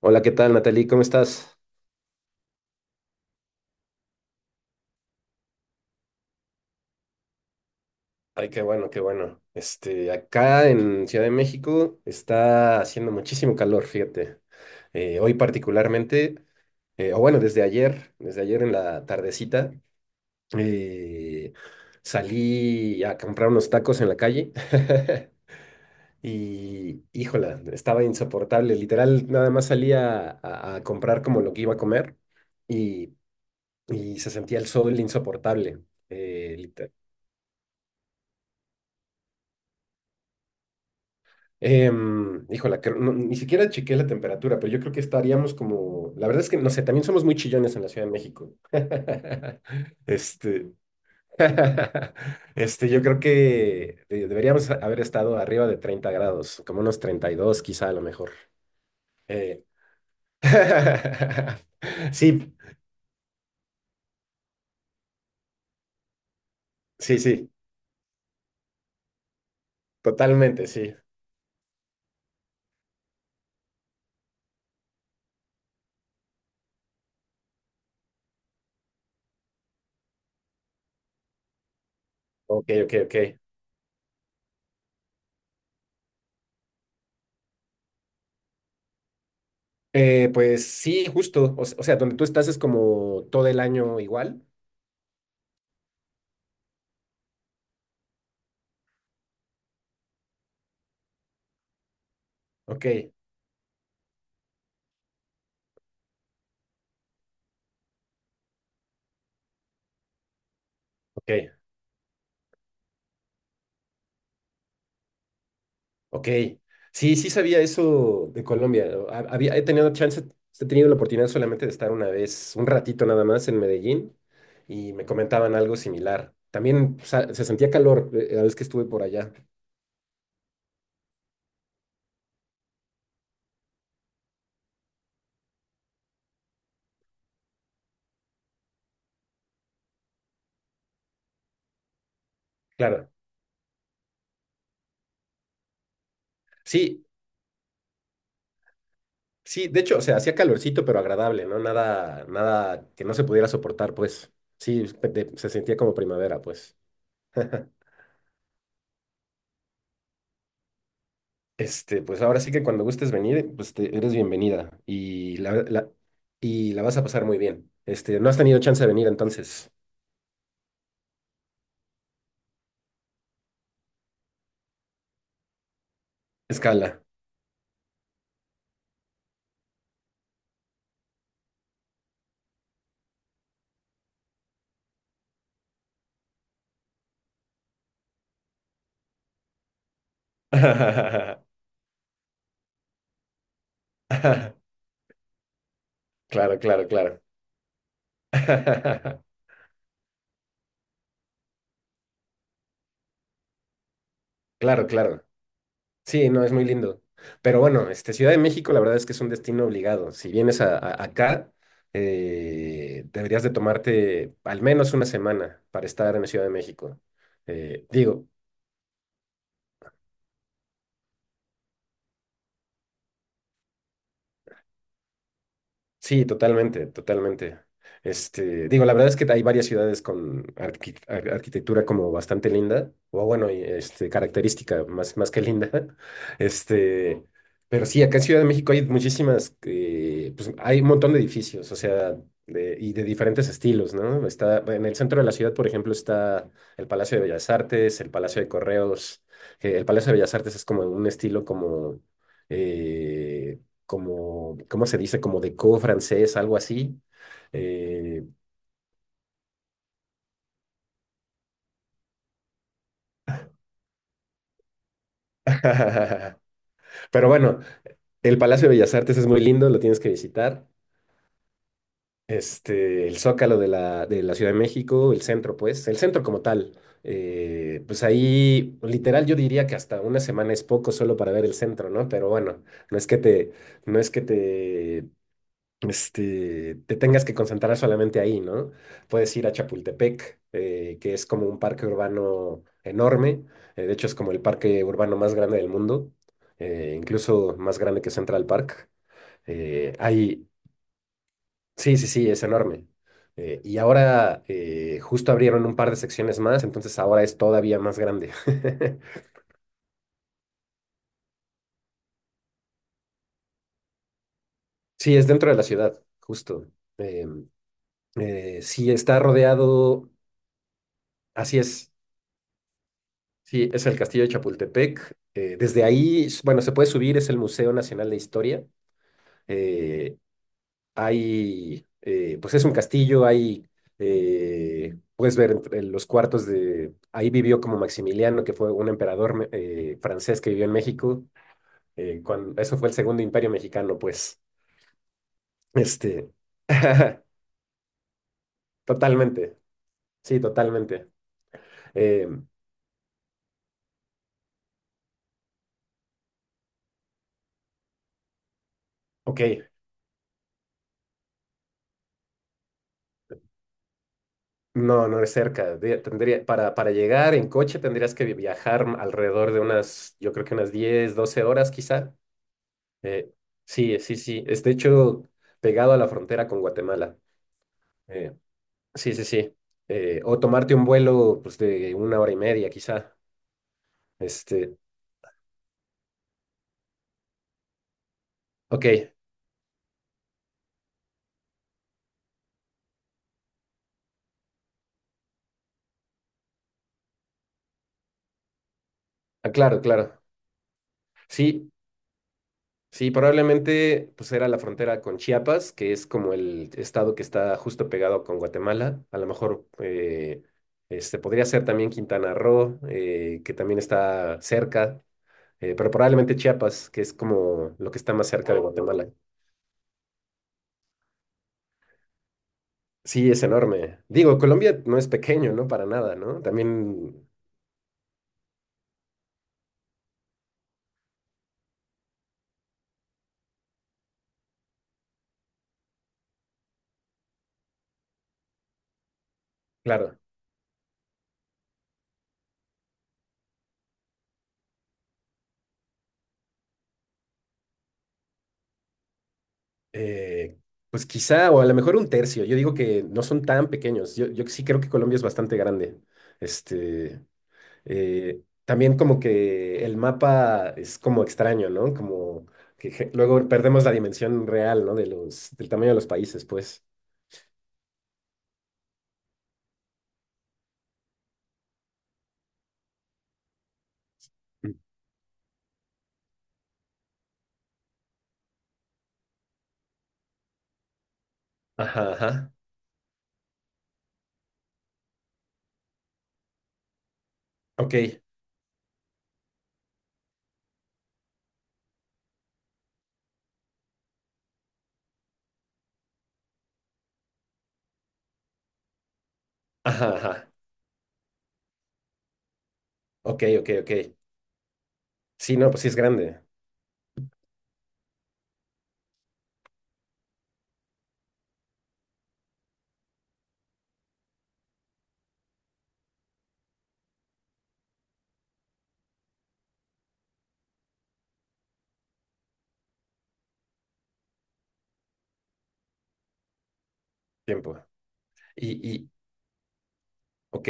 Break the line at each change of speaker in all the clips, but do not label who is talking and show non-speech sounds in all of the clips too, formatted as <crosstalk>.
Hola, ¿qué tal, Natalie? ¿Cómo estás? Ay, qué bueno, qué bueno. Acá en Ciudad de México está haciendo muchísimo calor, fíjate. Hoy particularmente, o bueno, desde ayer en la tardecita, eh, salí a comprar unos tacos en la calle <laughs> y, híjola, estaba insoportable. Literal, nada más salía a comprar como lo que iba a comer y, y se sentía el sol insoportable. Eh, híjola, que ni siquiera chequé la temperatura, pero yo creo que estaríamos como, la verdad es que no sé, también somos muy chillones en la Ciudad de México. <laughs> Este, <laughs> yo creo que deberíamos haber estado arriba de 30 grados, como unos 32 quizá a lo mejor. Eh, <laughs> Sí, sí, sí, totalmente, sí. Ok, ok, ok. Pues sí, justo, o sea, donde tú estás es como todo el año igual. Ok, ok. Ok, sí, sí sabía eso de Colombia, ¿no? Había, he tenido la oportunidad solamente de estar una vez, un ratito nada más en Medellín y me comentaban algo similar. También se sentía calor la vez que estuve por allá. Claro, sí, sí, de hecho, o sea, hacía calorcito pero agradable, ¿no? Nada, nada que no se pudiera soportar, pues. Sí, se sentía como primavera, pues. <laughs> Pues ahora sí que cuando gustes venir, pues eres bienvenida y y la vas a pasar muy bien. No has tenido chance de venir entonces. Escala. <laughs> Claro, claro, claro. <laughs> Claro, claro. Sí, no, es muy lindo. Pero bueno, Ciudad de México, la verdad es que es un destino obligado. Si vienes acá, deberías de tomarte al menos una semana para estar en la Ciudad de México. Digo, sí, totalmente, totalmente. Digo, la verdad es que hay varias ciudades con arquitectura como bastante linda, o bueno, y, característica más, más que linda. <laughs> Este, pero sí, acá en Ciudad de México hay muchísimas, pues hay un montón de edificios, o sea, y de diferentes estilos, ¿no? Está, en el centro de la ciudad, por ejemplo, está el Palacio de Bellas Artes, el Palacio de Correos. Que el Palacio de Bellas Artes es como un estilo eh, como, ¿cómo se dice? Como de co-francés, algo así. Eh, <laughs> Pero bueno, el Palacio de Bellas Artes es muy lindo, lo tienes que visitar. El Zócalo de de la Ciudad de México, el centro, pues, el centro como tal. Pues ahí, literal, yo diría que hasta una semana es poco solo para ver el centro, ¿no? Pero bueno, no es que te, no es que te este, te tengas que concentrar solamente ahí, ¿no? Puedes ir a Chapultepec, que es como un parque urbano enorme, de hecho es como el parque urbano más grande del mundo, incluso más grande que Central Park. Eh, hay, sí, sí, sí, es enorme. Y ahora justo abrieron un par de secciones más, entonces ahora es todavía más grande. <laughs> Sí, es dentro de la ciudad, justo. Em, sí, está rodeado, así es. Sí, es el Castillo de Chapultepec. Desde ahí, bueno, se puede subir, es el Museo Nacional de Historia. Eh, pues es un castillo, puedes ver entre los cuartos de, ahí vivió como Maximiliano, que fue un emperador francés que vivió en México. Eso fue el segundo imperio mexicano, pues. Este, <laughs> totalmente, sí, totalmente. Eh, ok, No, no es cerca. Para llegar en coche tendrías que viajar alrededor de yo creo que unas 10, 12 horas quizá. Eh, sí, sí, sí. Es de hecho pegado a la frontera con Guatemala. Eh, sí, sí, sí. O tomarte un vuelo pues, de una hora y media quizá. Este, ok, ah, claro, claro. Sí, sí, probablemente pues era la frontera con Chiapas, que es como el estado que está justo pegado con Guatemala. A lo mejor podría ser también Quintana Roo, que también está cerca, pero probablemente Chiapas, que es como lo que está más cerca de Guatemala. Sí, es enorme. Digo, Colombia no es pequeño, ¿no? Para nada, ¿no? También, claro, eh, pues quizá, o a lo mejor un tercio. Yo digo que no son tan pequeños. Yo sí creo que Colombia es bastante grande. Este. También como que el mapa es como extraño, ¿no? Como que luego perdemos la dimensión real, ¿no? Del tamaño de los países, pues. Mm. Ajá, ajá. Ok. Ajá, ajá. Ok, ok, ok. Sí, no, pues sí es grande. Tiempo. Y, y, ok.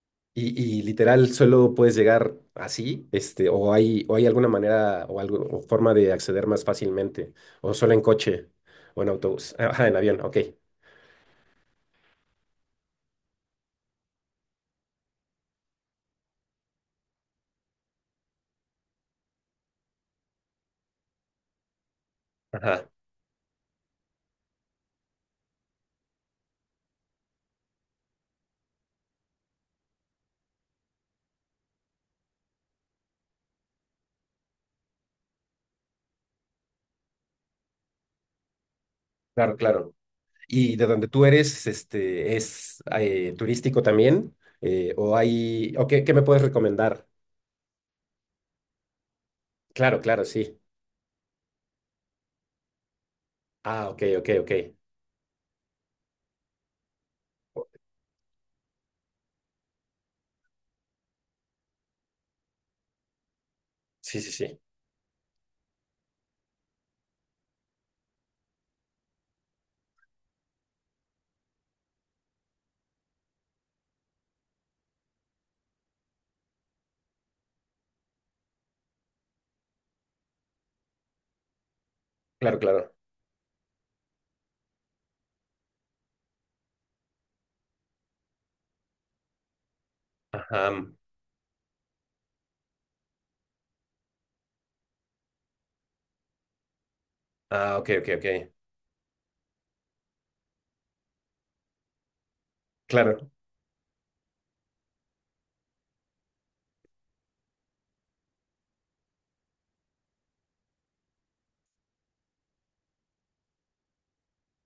Y literal, solo puedes llegar así, o hay alguna manera o algo, o forma de acceder más fácilmente, o solo en coche, o en autobús. Ajá, en avión, ok. Ajá. Claro, claro. ¿Y de donde tú eres, es turístico también? O qué me puedes recomendar? Claro, claro, sí. Ah, ok, ok, ok. Sí, sí, sí. Claro, claro. Ajá. Ah, ok, ok, ok. Claro,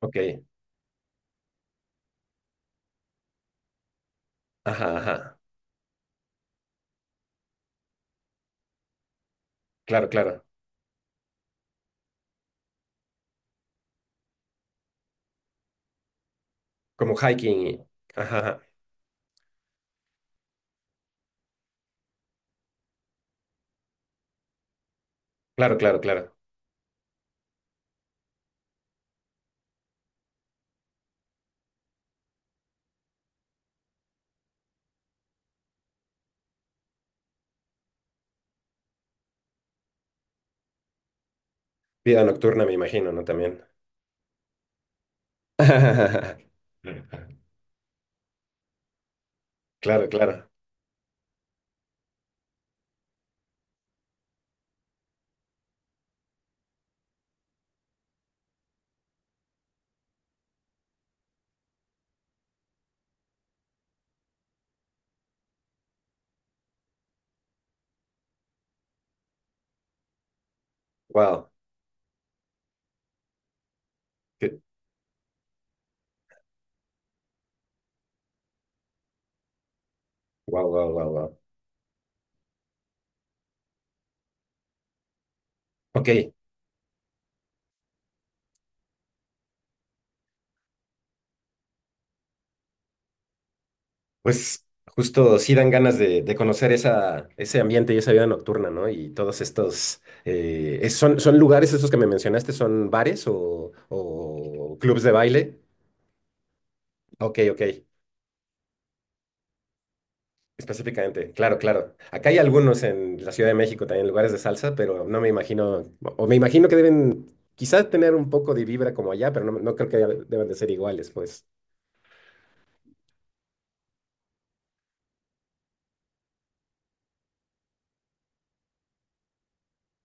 ok. Ajá, ajá. Claro, claro. Como hiking. Ajá, ajá. Claro, claro, claro. Vida nocturna, me imagino, ¿no? También. <laughs> Claro, claro. Wow. Wow, wow, wow, wow. Ok, pues justo sí dan ganas de conocer ese ambiente y esa vida nocturna, ¿no? Y todos estos, ¿son lugares esos que me mencionaste? ¿Son bares o clubs de baile? Ok, ok, específicamente, claro, claro. Acá hay algunos en la Ciudad de México también, lugares de salsa, pero no me imagino, o me imagino que deben quizás tener un poco de vibra como allá, pero no, no creo que deban de ser iguales, pues.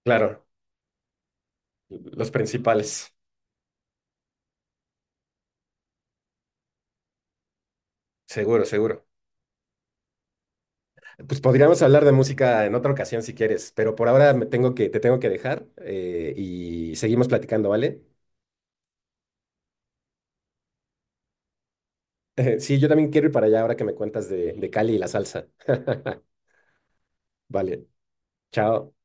Claro, los principales, seguro, seguro. Pues podríamos hablar de música en otra ocasión si quieres, pero por ahora te tengo que dejar y seguimos platicando, ¿vale? <laughs> Sí, yo también quiero ir para allá ahora que me cuentas de Cali y la salsa. Vale, chao.